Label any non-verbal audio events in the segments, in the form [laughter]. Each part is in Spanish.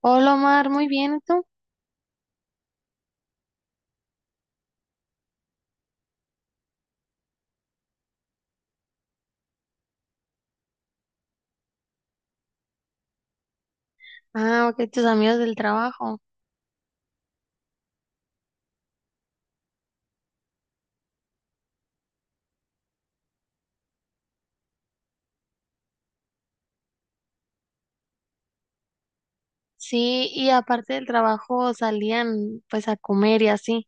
Hola Omar, muy bien, ¿y tú? Ah, ok, tus amigos del trabajo. Sí, y aparte del trabajo salían pues a comer y así.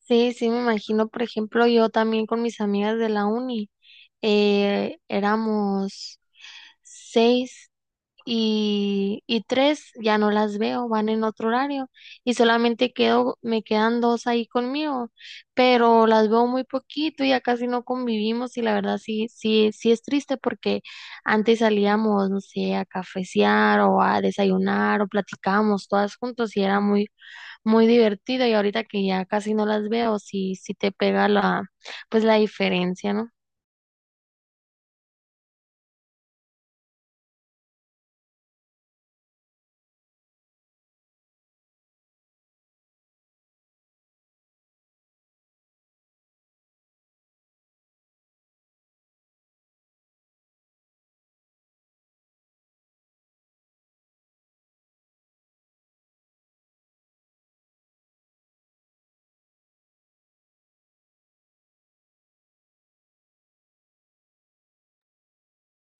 Sí, sí, me imagino, por ejemplo, yo también con mis amigas de la uni, éramos 6 y tres ya no las veo, van en otro horario y solamente quedo, me quedan 2 ahí conmigo, pero las veo muy poquito, y ya casi no convivimos y la verdad sí, sí, sí es triste porque antes salíamos, no sé, a cafecear o a desayunar o platicábamos todas juntos y era muy, muy divertido y ahorita que ya casi no las veo, sí, sí te pega la, pues la diferencia, ¿no?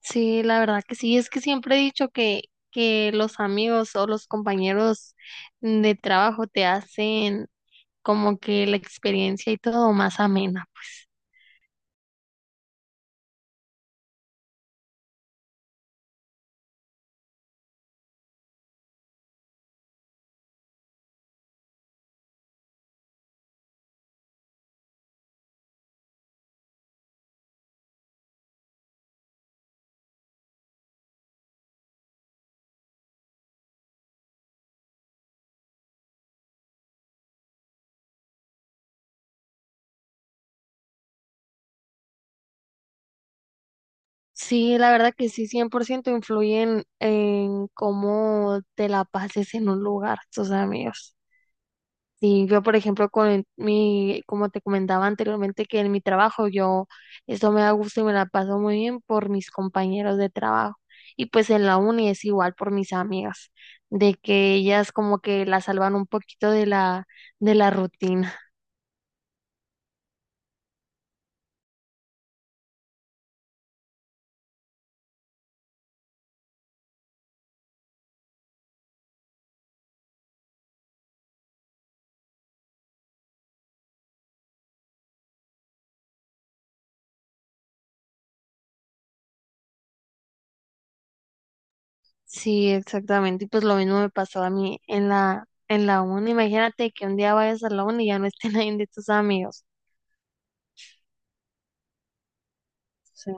Sí, la verdad que sí, es que siempre he dicho que los amigos o los compañeros de trabajo te hacen como que la experiencia y todo más amena, pues. Sí, la verdad que sí, 100% influyen en cómo te la pases en un lugar, tus amigos. Sí, yo por ejemplo con mi, como te comentaba anteriormente que en mi trabajo yo eso me da gusto y me la paso muy bien por mis compañeros de trabajo y pues en la uni es igual por mis amigas, de que ellas como que la salvan un poquito de la rutina. Sí, exactamente, y pues lo mismo me pasó a mí en la uni. Imagínate que un día vayas a la uni y ya no esté nadie [laughs] de tus amigos. Sí.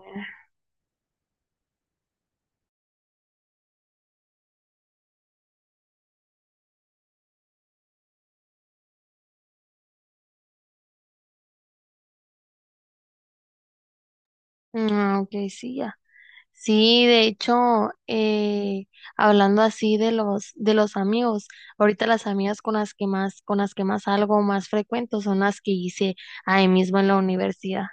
Ah, ok, sí, sí, de hecho, eh, hablando así de los amigos, ahorita las amigas con las que más con las que más salgo más frecuento son las que hice ahí mismo en la universidad.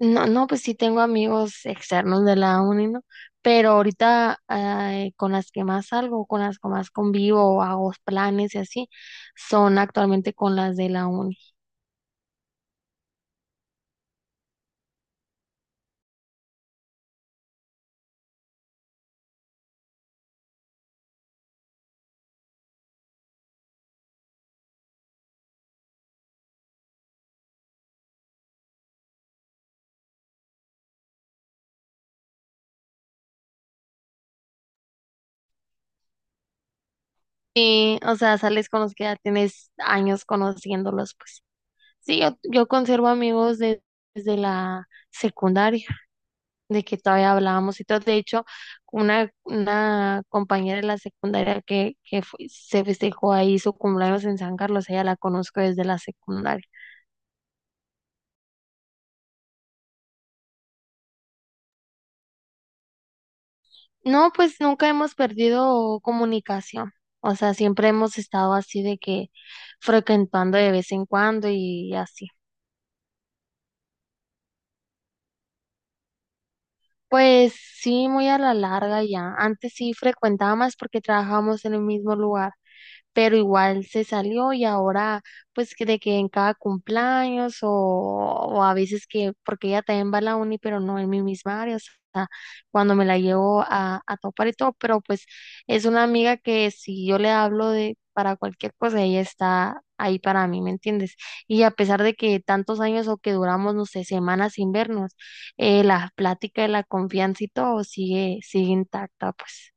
No, no, pues sí tengo amigos externos de la uni, ¿no? Pero ahorita con las que más salgo, con las que más convivo, hago planes y así, son actualmente con las de la uni. Y, o sea, sales con los que ya tienes años conociéndolos, pues. Sí, yo conservo amigos desde la secundaria, de que todavía hablábamos y todo. De hecho, una compañera de la secundaria que, se festejó ahí su cumpleaños en San Carlos, ella la conozco desde la secundaria. No, pues nunca hemos perdido comunicación. O sea, siempre hemos estado así de que frecuentando de vez en cuando y así. Pues sí, muy a la larga ya. Antes sí frecuentaba más porque trabajábamos en el mismo lugar, pero igual se salió y ahora pues que de que en cada cumpleaños o a veces que, porque ella también va a la uni, pero no en mi misma área, o sea, cuando me la llevo a topar y todo, pero pues es una amiga que si yo le hablo de para cualquier cosa, ella está ahí para mí, ¿me entiendes? Y a pesar de que tantos años o que duramos, no sé, semanas sin vernos, la plática de la confianza y todo sigue, sigue intacta, pues.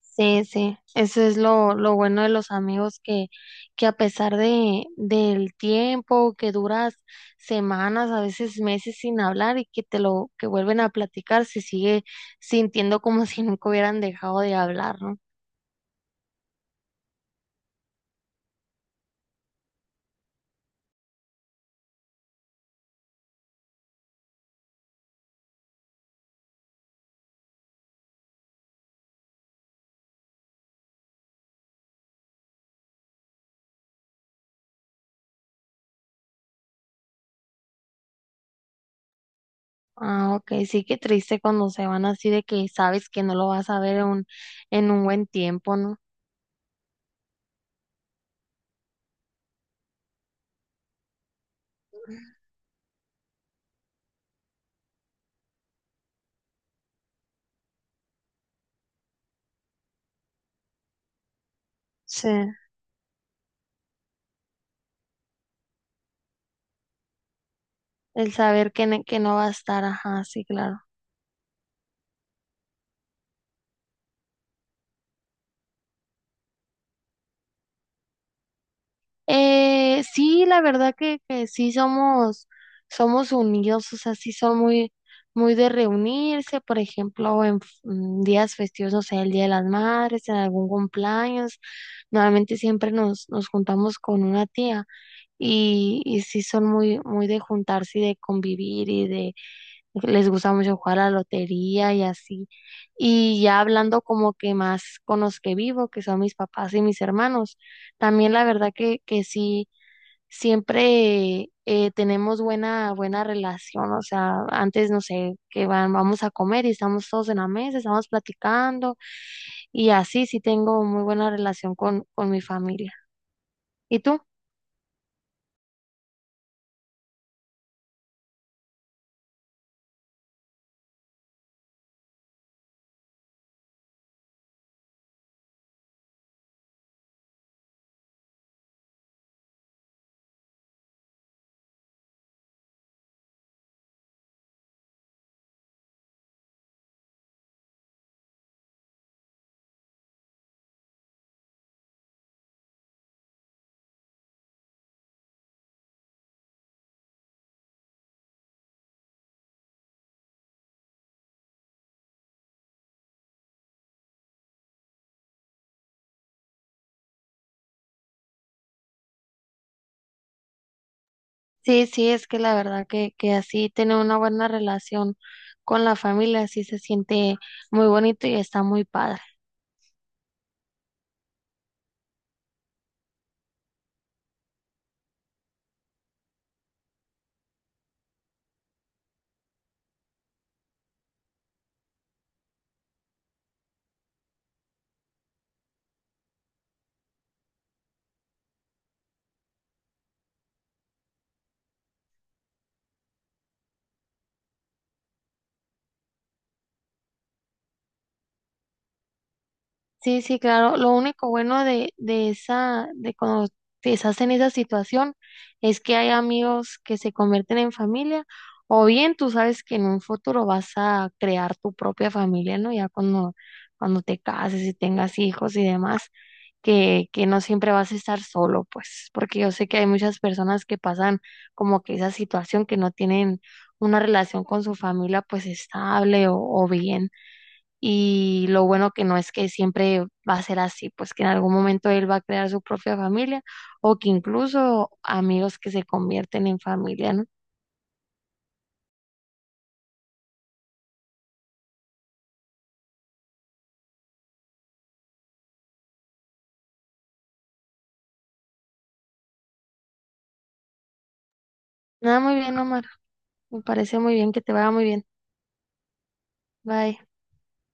Sí, sí, eso es lo bueno de los amigos que a pesar de, del tiempo que duras semanas, a veces meses sin hablar y que te lo, que vuelven a platicar, se sigue sintiendo como [laughs] si nunca hubieran dejado de hablar, ¿no? Ah, ok, sí, qué triste cuando se van así de que sabes que no lo vas a ver en un buen tiempo, ¿no? Sí, el saber que, que no va a estar, ajá, sí, claro. Sí, la verdad que sí somos, somos unidos, o sea, sí son muy, muy de reunirse, por ejemplo, en, en días festivos, no sé el Día de las Madres, en algún cumpleaños, normalmente siempre nos, nos juntamos con una tía y sí son muy, muy de juntarse y de convivir y de, les gusta mucho jugar a la lotería y así. Y ya hablando como que más con los que vivo, que son mis papás y mis hermanos, también la verdad que sí siempre tenemos buena, buena relación, o sea, antes, no sé, que van, vamos a comer y estamos todos en la mesa, estamos platicando y así sí tengo muy buena relación con mi familia. ¿Y tú? Sí, sí, es que la verdad que así tener una buena relación con la familia, así se siente muy bonito y está muy padre. Sí, sí, claro. Lo único bueno de esa, de cuando estás en esa situación es que hay amigos que se convierten en familia, o bien tú sabes que en un futuro vas a crear tu propia familia, ¿no? Ya cuando, cuando te cases y tengas hijos y demás, que no siempre vas a estar solo, pues, porque yo sé que hay muchas personas que pasan como que esa situación que no tienen una relación con su familia pues estable o bien. Y lo bueno que no es que siempre va a ser así, pues que en algún momento él va a crear su propia familia o que incluso amigos que se convierten en familia, ¿no? Nada, muy bien, Omar. Me parece muy bien que te vaya muy bien. Bye.